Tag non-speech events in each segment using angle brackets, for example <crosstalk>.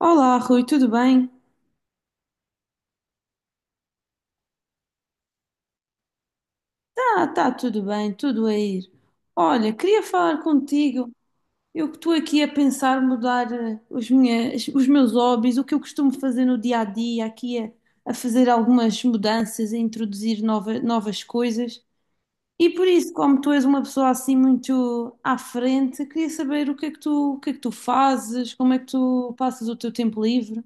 Olá, Rui, tudo bem? Tá tudo bem, tudo a ir. Olha, queria falar contigo. Eu que estou aqui a pensar mudar os meus hobbies, o que eu costumo fazer no dia a dia, a fazer algumas mudanças, a introduzir novas coisas. E por isso, como tu és uma pessoa assim muito à frente, queria saber o que é que tu fazes, como é que tu passas o teu tempo livre.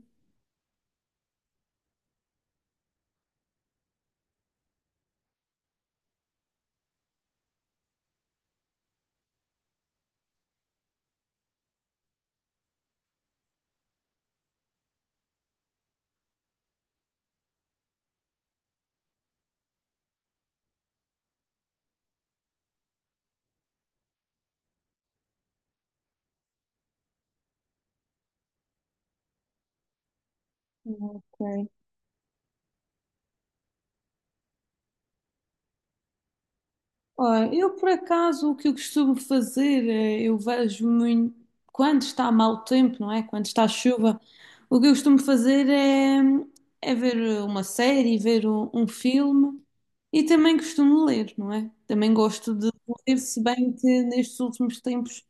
Ok. Olha, eu por acaso o que eu costumo fazer, eu vejo muito, quando está mau tempo, não é? Quando está chuva, o que eu costumo fazer é ver uma série, ver um filme e também costumo ler, não é? Também gosto de ler, se bem que nestes últimos tempos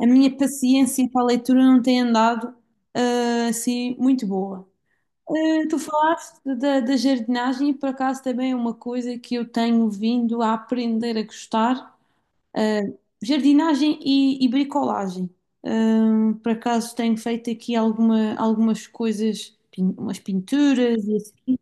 a minha paciência para a leitura não tem andado, assim muito boa. Tu falaste da jardinagem e por acaso também é uma coisa que eu tenho vindo a aprender a gostar, eh, jardinagem e bricolagem. Eh, por acaso tenho feito aqui algumas coisas, umas pinturas e assim.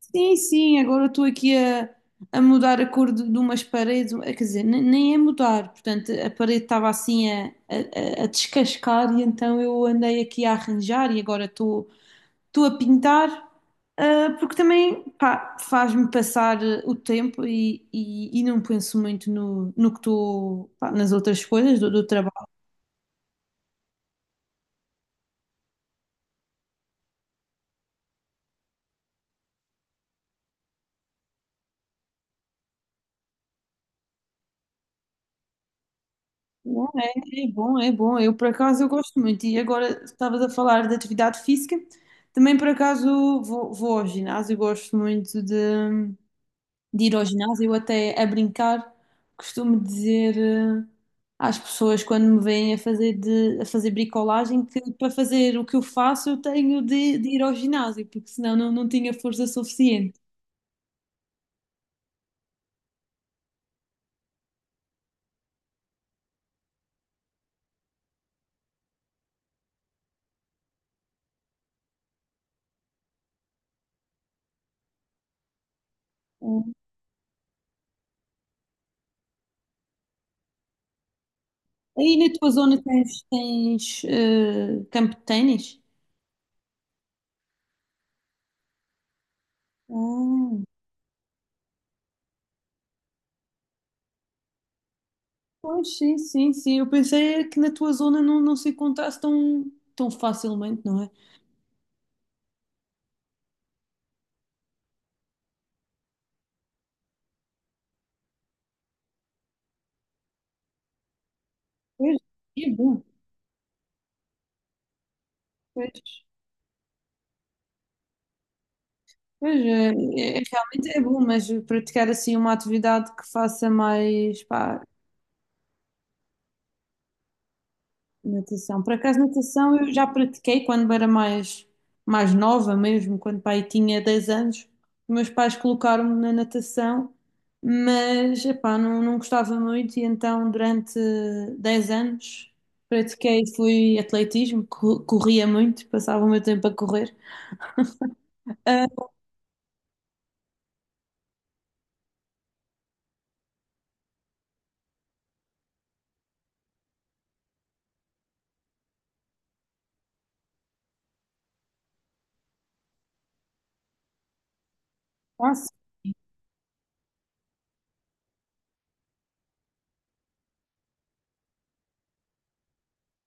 Sim, sim, agora estou a mudar a cor de umas paredes, quer dizer, nem é mudar, portanto a parede estava assim a descascar e então eu andei aqui a arranjar e agora estou a pintar, porque também, pá, faz-me passar o tempo e não penso muito no que estou, pá, nas outras coisas do trabalho. Bom, é, É bom, é bom. Eu, por acaso, eu gosto muito. E agora, estavas a falar de atividade física, também, por acaso, vou ao ginásio. Eu gosto muito de ir ao ginásio, até a brincar, costumo dizer às pessoas quando me veem a fazer, a fazer bricolagem que para fazer o que eu faço eu tenho de ir ao ginásio, porque senão não, não tinha força suficiente. Hum. Aí na tua zona tens campo de ténis? Ah, pois sim, sim, sim. Eu pensei é que na tua zona não, não se encontrasse tão facilmente, não é? Pois, é bom. Pois. É, realmente é bom, mas praticar assim uma atividade que faça mais, pá, natação. Por acaso, natação eu já pratiquei quando era mais nova mesmo, quando pai tinha 10 anos. Os meus pais colocaram-me na natação, mas, epá, não, não gostava muito e então durante 10 anos pratiquei, fui atletismo, corria muito, passava o meu tempo a correr. Ah,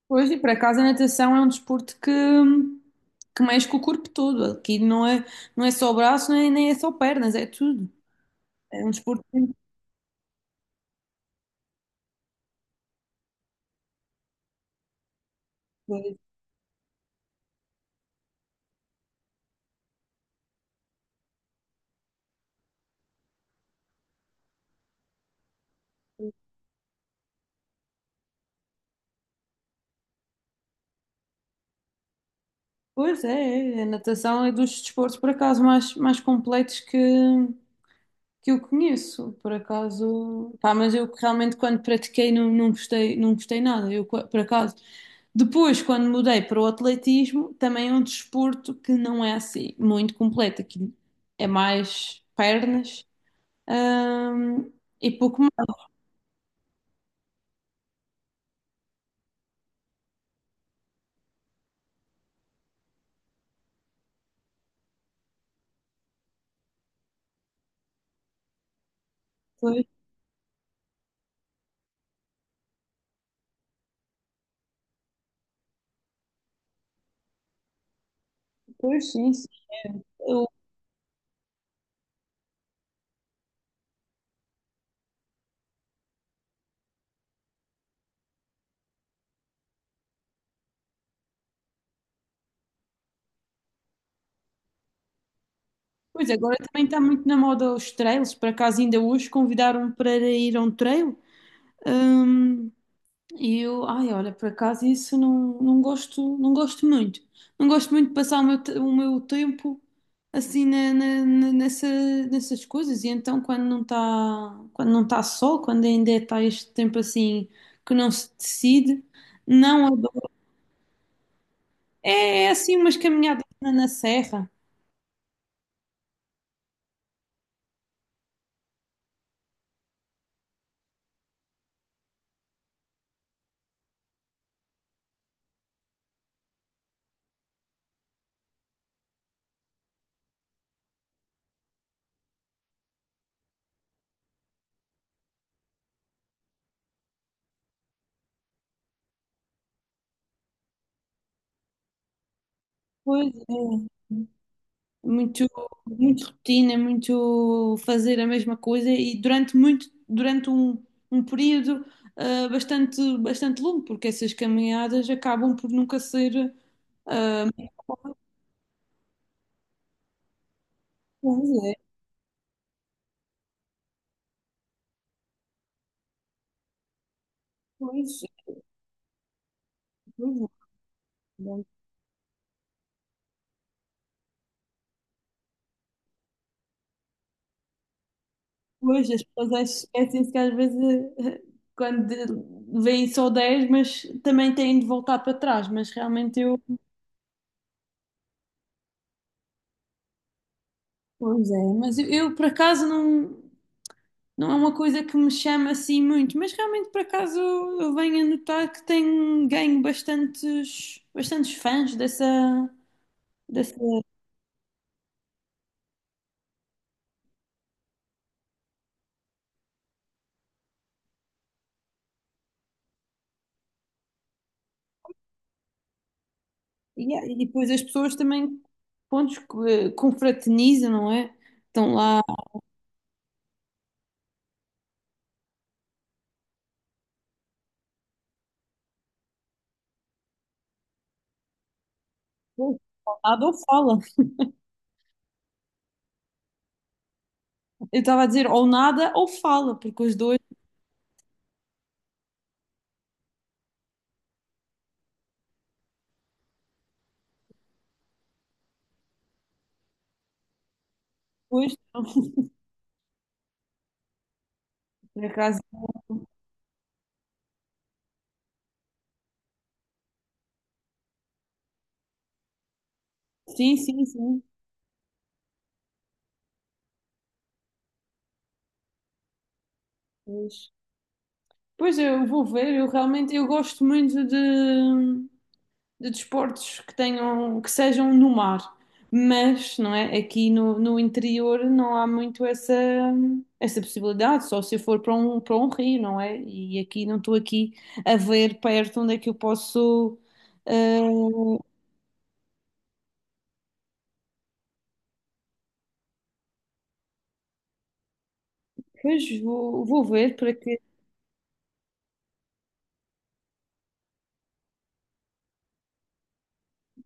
pois, e por acaso a natação é um desporto que mexe com o corpo todo. Aqui não é, não é só braço, nem, nem é só pernas, é tudo. É um desporto. que- Pois é, é. A natação é dos desportos, por acaso, mais completos que eu conheço. Por acaso. Pá, mas eu realmente, quando pratiquei, não, não gostei, não gostei nada. Por acaso. Depois, quando mudei para o atletismo, também é um desporto que não é assim muito completo. Aqui é mais pernas. Ahm, e pouco mais. Pois, pois, sim, sim. É. Eu- Pois agora também está muito na moda os trails. Por acaso ainda hoje convidaram-me para ir a um trail. Ahm, e eu, ai, olha, por acaso isso não, não gosto, não gosto muito. Não gosto muito de passar o meu, o meu tempo assim nessas coisas. E então quando não está sol, quando ainda está este tempo assim que não se decide, não adoro. É é assim umas caminhadas na na serra. Pois é. Muito, muito rotina, muito fazer a mesma coisa e durante muito, um período bastante longo, porque essas caminhadas acabam por nunca ser. Pois é, pois, pois, é. Pois, as pessoas esquecem-se que às vezes <laughs> eh, quando vêm só 10 mas também têm de voltar para trás, mas realmente eu. Pois é, mas eu, por acaso não. Não é uma coisa que me chama assim muito, mas realmente por acaso eu venho a notar que tenho ganho bastantes, bastantes fãs dessa, dessa... Yeah, e depois as pessoas também, pontos que confraternizam, não é? Estão lá, ou nada ou fala. <laughs> Eu estava a dizer ou nada ou fala, porque os dois, depois, estão, <laughs> por acaso, sim, sim, sim. Pois, pois eu vou ver, eu realmente eu gosto muito de desportos que tenham, que sejam no mar, mas não é? Aqui no interior não há muito essa, essa possibilidade, só se eu for para para um rio, não é? E aqui não estou aqui a ver perto onde é que eu posso. eh, Pois vou, vou ver para que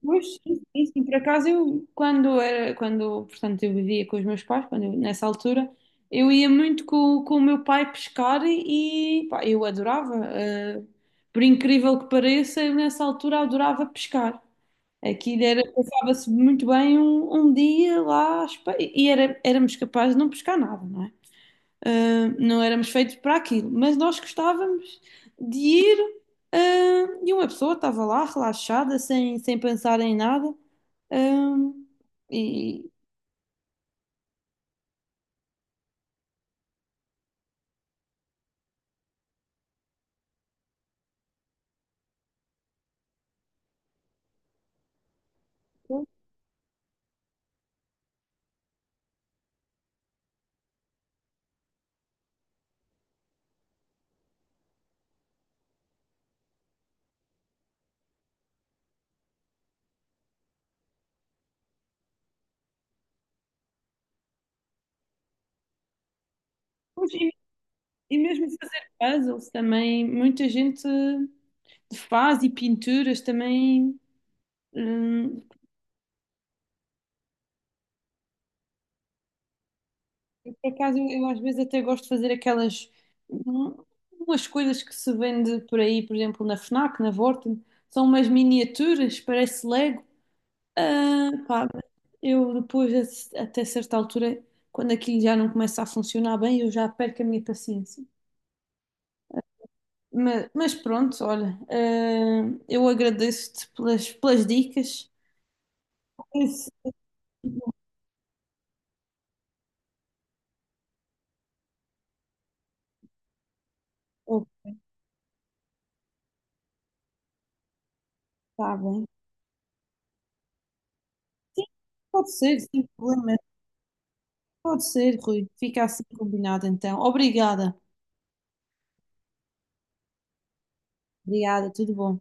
pois, sim, sim, sim. Por acaso eu, quando era, quando, portanto, eu vivia com os meus pais, nessa altura, eu ia muito com o meu pai pescar e, pá, eu adorava. Por incrível que pareça, eu nessa altura adorava pescar. Aquilo era, passava-se muito bem um dia lá, e era, éramos capazes de não pescar nada, não é? Não éramos feitos para aquilo, mas nós gostávamos de ir, e uma pessoa estava lá relaxada, sem, sem pensar em nada, um, e, e e mesmo fazer puzzles também, muita gente faz e pinturas também. Hum, por acaso eu às vezes até gosto de fazer aquelas hum, umas coisas que se vende por aí, por exemplo, na FNAC, na Vorten, são umas miniaturas, parece Lego. Ah, pá, eu depois, a até certa altura, quando aquilo já não começa a funcionar bem, eu já perco a minha paciência. Mas pronto, olha, eu agradeço-te pelas, pelas dicas. Esse- Oh, tá bem. Sim, pode ser, sem problema. Pode ser, Rui. Fica assim combinado então. Obrigada. Obrigada, tudo bom.